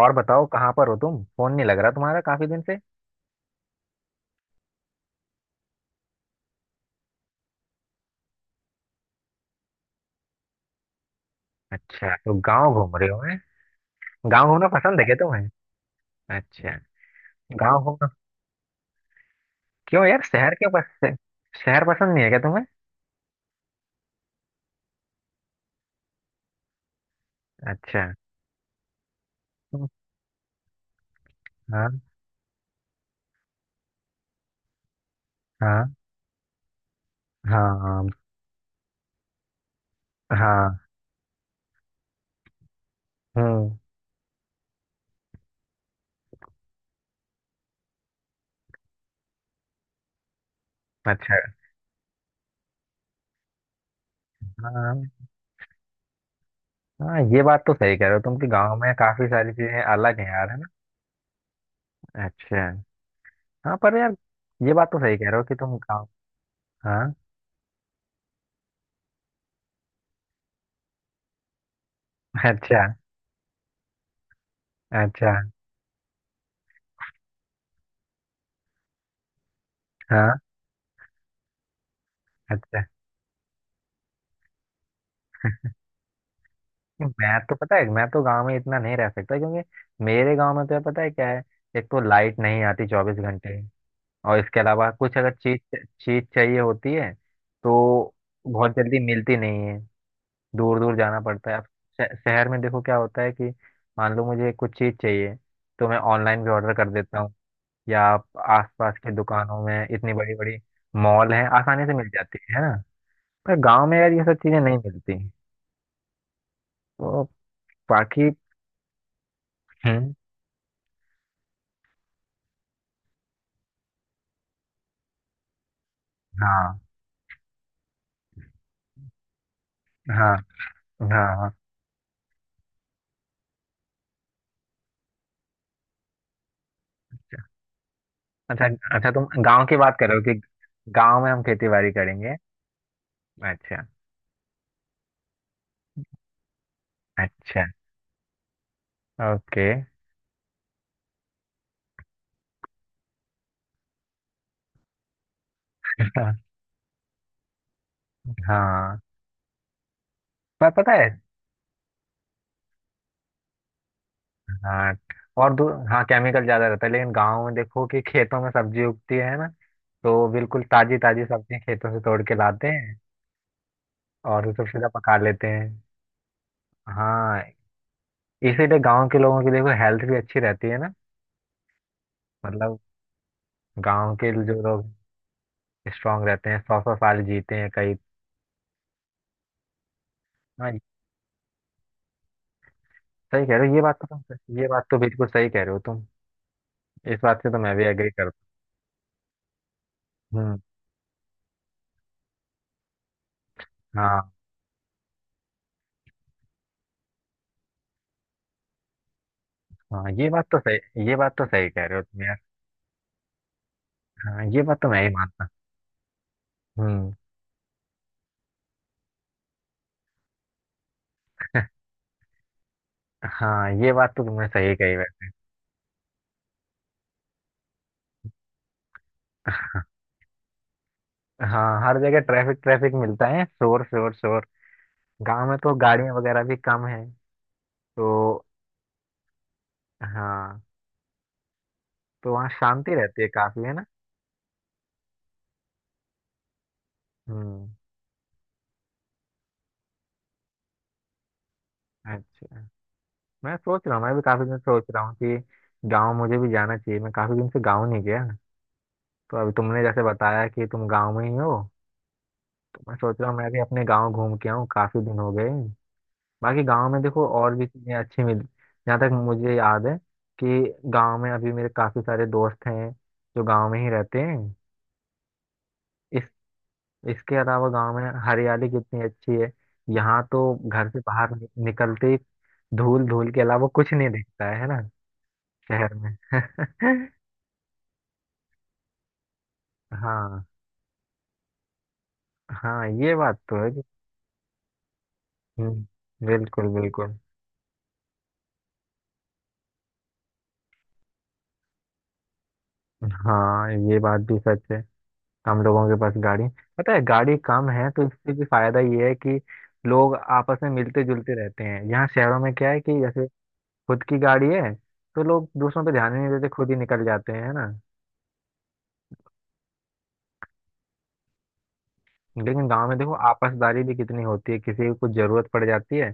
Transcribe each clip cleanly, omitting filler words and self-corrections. और बताओ, कहाँ पर हो तुम? फोन नहीं लग रहा तुम्हारा काफी दिन से। अच्छा, तो गांव घूम रहे हो हैं। गांव घूमना पसंद है क्या तुम्हें? अच्छा। गांव घूमना। क्यों यार, शहर क्यों शहर पसंद नहीं है क्या तुम्हें? अच्छा। हम्म। हाँ। हाँ। हाँ। हाँ। हम्म। अच्छा। हाँ, हाँ, ये बात तो सही कह रहे हो तुम कि गांव में काफी सारी चीजें अलग हैं यार, है ना। अच्छा। हाँ पर यार, ये बात तो सही कह रहे हो कि तुम गाँव। हाँ। अच्छा। अच्छा। हाँ। अच्छा। मैं तो पता है, मैं तो गांव में इतना नहीं रह सकता, क्योंकि मेरे गांव में तो पता है क्या है, एक तो लाइट नहीं आती 24 घंटे। और इसके अलावा कुछ अगर चीज चीज चाहिए होती है तो बहुत जल्दी मिलती नहीं है। दूर दूर जाना पड़ता है। अब शहर में देखो क्या होता है कि मान लो मुझे कुछ चीज चाहिए तो मैं ऑनलाइन भी ऑर्डर कर देता हूँ। या आप आसपास की दुकानों में इतनी बड़ी बड़ी मॉल है, आसानी से मिल जाती है ना। पर गांव में यार ये सब चीजें नहीं मिलती, तो बाकी। हम्म। हाँ। हाँ। हाँ। हाँ। अच्छा। अच्छा, तुम गांव की बात कर रहे हो कि गांव में हम खेती बाड़ी करेंगे। अच्छा। अच्छा। ओके। हाँ। पर पता है। हाँ, और दूर, हाँ केमिकल ज्यादा रहता है, लेकिन गांव में देखो कि खेतों में सब्जी उगती है ना, तो बिल्कुल ताजी ताजी सब्जियां खेतों से तोड़ के लाते हैं और उसे सीधा पका लेते हैं। हाँ। इसीलिए गांव के लोगों की देखो हेल्थ भी अच्छी रहती है ना। मतलब गांव के जो लोग स्ट्रांग रहते हैं, सौ सौ साल जीते हैं कई। हाँ, सही कह रहे हो ये बात तो तुम, ये बात तो बिल्कुल सही कह रहे हो तुम। इस बात से तो मैं भी एग्री करता हूँ। हम्म। हाँ। हाँ, ये बात तो सही, ये बात तो सही कह रहे हो तुम यार। हाँ, ये बात तो मैं ही मानता हूँ। हम्म। हाँ, ये बात तो तुमने सही कही है। हाँ, हर जगह ट्रैफिक ट्रैफिक मिलता है, शोर शोर शोर। गांव में तो गाड़ियां वगैरह भी कम है, तो। हाँ। तो वहाँ शांति रहती है काफी, है ना। हम्म। अच्छा, मैं सोच रहा हूँ, मैं भी काफी दिन से सोच रहा हूँ कि गांव मुझे भी जाना चाहिए, मैं काफी दिन से गांव नहीं गया। तो अभी तुमने जैसे बताया कि तुम गांव में ही हो, तो मैं सोच रहा हूँ मैं भी अपने गांव घूम के आऊँ, काफी दिन हो गए। बाकी गांव में देखो और भी चीजें अच्छी मिली। जहाँ तक मुझे याद है कि गांव में अभी मेरे काफी सारे दोस्त हैं जो गांव में ही रहते हैं। इस इसके अलावा गांव में हरियाली कितनी अच्छी है। यहाँ तो घर से बाहर निकलते ही धूल, धूल के अलावा कुछ नहीं दिखता है ना। शहर में। हाँ। हाँ ये बात तो है कि। बिल्कुल बिल्कुल। हाँ ये बात भी सच है। हम लोगों के पास गाड़ी, पता है गाड़ी कम है तो इससे भी फायदा ये है कि लोग आपस में मिलते जुलते रहते हैं। यहाँ शहरों में क्या है कि जैसे खुद की गाड़ी है तो लोग दूसरों पे ध्यान ही नहीं देते, खुद ही निकल जाते हैं, है ना। लेकिन गांव में देखो आपसदारी भी कितनी होती है, किसी को कुछ जरूरत पड़ जाती है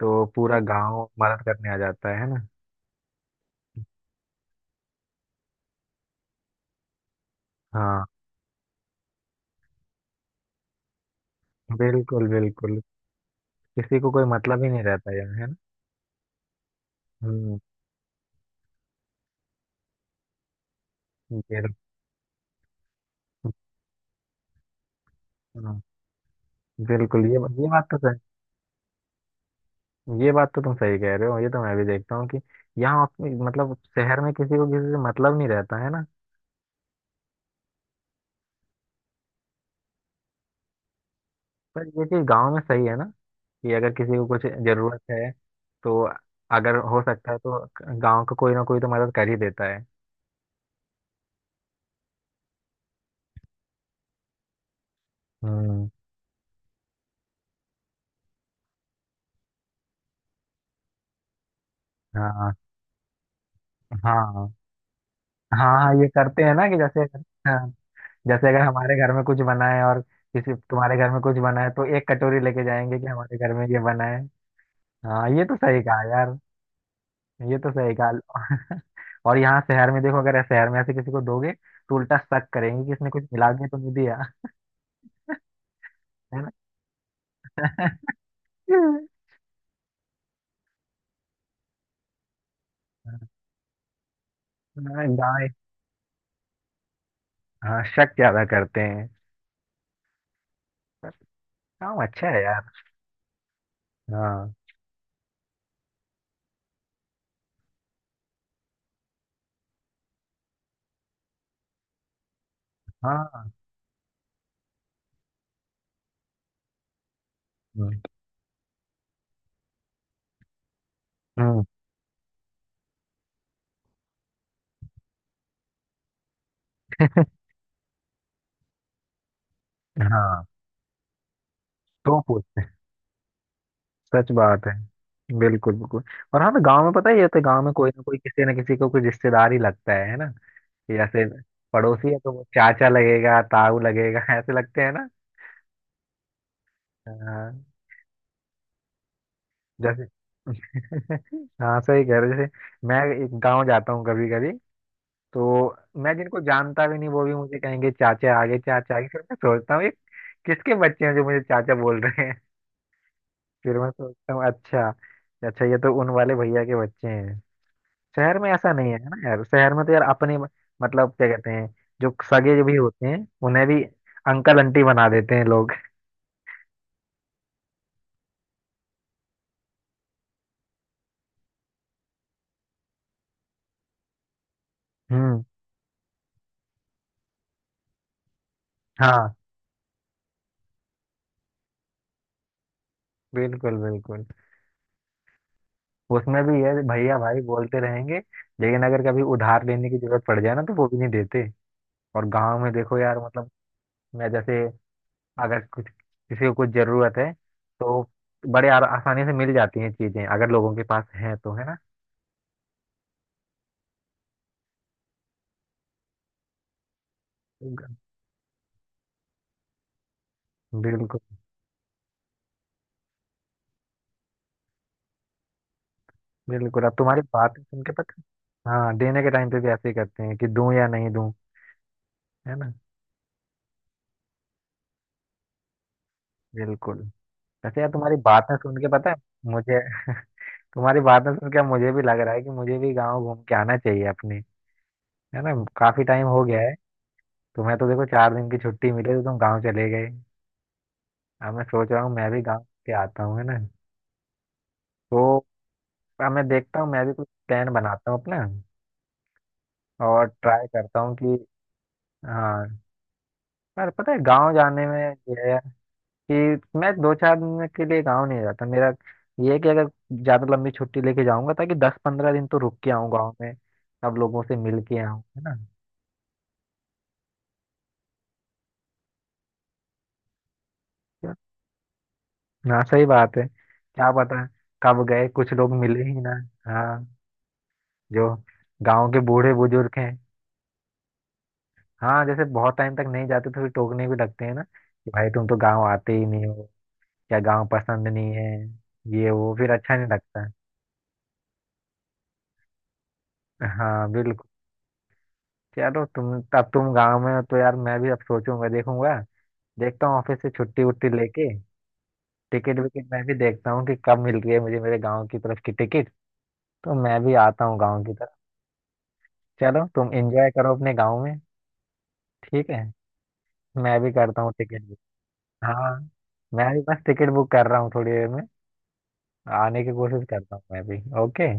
तो पूरा गांव मदद करने आ जाता है ना। हाँ, बिल्कुल बिल्कुल। किसी को कोई मतलब ही नहीं रहता यार, है ना। हम्म। ये- तो, हाँ, बिल्कुल ये बात तो सही, ये बात तो तुम सही कह रहे हो, ये तो मैं भी देखता हूँ कि यहाँ अपनी- मतलब शहर में किसी को किसी से मतलब नहीं रहता, है ना। पर ये चीज गांव में सही है ना कि अगर किसी को कुछ जरूरत है तो, अगर हो सकता है तो गांव का कोई ना कोई तो मदद कर ही देता है। हम्म। हाँ। हाँ। हाँ। हाँ ये करते हैं ना कि जैसे, जैसे अगर हमारे घर में कुछ बना है और किसी तुम्हारे घर में कुछ बना है तो एक कटोरी लेके जाएंगे कि हमारे घर में ये बना है। हाँ, ये तो सही कहा यार। ये तो सही कहा। और यहाँ शहर में देखो, अगर शहर में ऐसे किसी को दोगे तो उल्टा शक करेंगे कि इसने कुछ मिला के तो नहीं दिया। है ना। हाँ, गाय। हाँ, शक ज्यादा करते हैं। पर काम अच्छा है यार। हाँ। हाँ। हम्म, हम्म, हाँ। तो पूछते हैं, सच बात है। बिल्कुल बिल्कुल। और हाँ, तो गांव में पता ही है, तो गांव में कोई ना कोई किसी ना किसी को कोई रिश्तेदार ही लगता है ना। जैसे पड़ोसी है तो वो चाचा लगेगा, ताऊ लगेगा, ऐसे लगते हैं ना। हाँ। जैसे, हाँ सही कह रहे हो, जैसे मैं एक गांव जाता हूँ कभी कभी, तो मैं जिनको जानता भी नहीं वो भी मुझे कहेंगे चाचा आगे चाचा आगे, फिर मैं सोचता हूँ ये किसके बच्चे हैं जो मुझे चाचा बोल रहे हैं। फिर मैं सोचता हूँ अच्छा, अच्छा ये तो उन वाले भैया के बच्चे हैं। शहर में ऐसा नहीं है ना यार, शहर में तो यार अपने, मतलब क्या कहते हैं, जो सगे जो भी होते हैं उन्हें भी अंकल आंटी बना देते हैं लोग। हम्म। हाँ, बिल्कुल बिल्कुल। उसमें भी ये भैया भाई बोलते रहेंगे, लेकिन अगर कभी उधार लेने की जरूरत पड़ जाए ना तो वो भी नहीं देते। और गांव में देखो यार, मतलब मैं जैसे अगर कुछ किसी को कुछ जरूरत है तो बड़े आसानी से मिल जाती हैं चीजें, अगर लोगों के पास है तो, है ना। बिल्कुल बिल्कुल। अब तुम्हारी बात सुन के पता। हाँ, देने के टाइम पे भी ऐसे ही करते हैं कि दूं या नहीं दूं, है ना। बिल्कुल। वैसे यार तुम्हारी बातें सुन के पता है मुझे, तुम्हारी बातें सुन के मुझे भी लग रहा है कि मुझे भी गांव घूम के आना चाहिए अपने, है ना। काफी टाइम हो गया है। तुम्हें तो देखो, 4 दिन की छुट्टी मिली तो तुम गाँव चले गए। अब मैं सोच रहा हूँ मैं भी गाँव के आता हूँ, है ना। तो अब मैं देखता हूँ, मैं भी कुछ प्लान बनाता हूँ अपना और ट्राई करता हूँ कि हाँ। पर पता है गाँव जाने में ये है कि मैं दो चार दिन के लिए गाँव नहीं जाता, मेरा ये है कि अगर ज्यादा लंबी छुट्टी लेके जाऊंगा ताकि दस पंद्रह दिन तो रुक के आऊँ गाँव में, सब लोगों से मिल के आऊँ, है ना। क्या- हाँ सही बात है, क्या पता कब गए कुछ लोग मिले ही ना। हाँ, जो गांव के बूढ़े बुजुर्ग हैं। हाँ जैसे बहुत टाइम तक नहीं जाते तो फिर टोकने भी लगते हैं ना कि भाई तुम तो गांव आते ही नहीं हो, क्या गांव पसंद नहीं है, ये वो, फिर अच्छा नहीं लगता है। हाँ बिल्कुल। चलो तुम, अब तुम गांव में हो तो यार मैं भी अब सोचूंगा देखूंगा, देखता हूँ ऑफिस से छुट्टी वुट्टी लेके टिकट विकेट, मैं भी देखता हूँ कि कब मिल रही है मुझे मेरे गांव की तरफ की टिकट, तो मैं भी आता हूँ गांव की तरफ। चलो तुम एंजॉय करो अपने गांव में। ठीक है, मैं भी करता हूँ टिकट। हाँ, मैं भी बस टिकट बुक कर रहा हूँ, थोड़ी देर में आने की कोशिश करता हूँ मैं भी। ओके।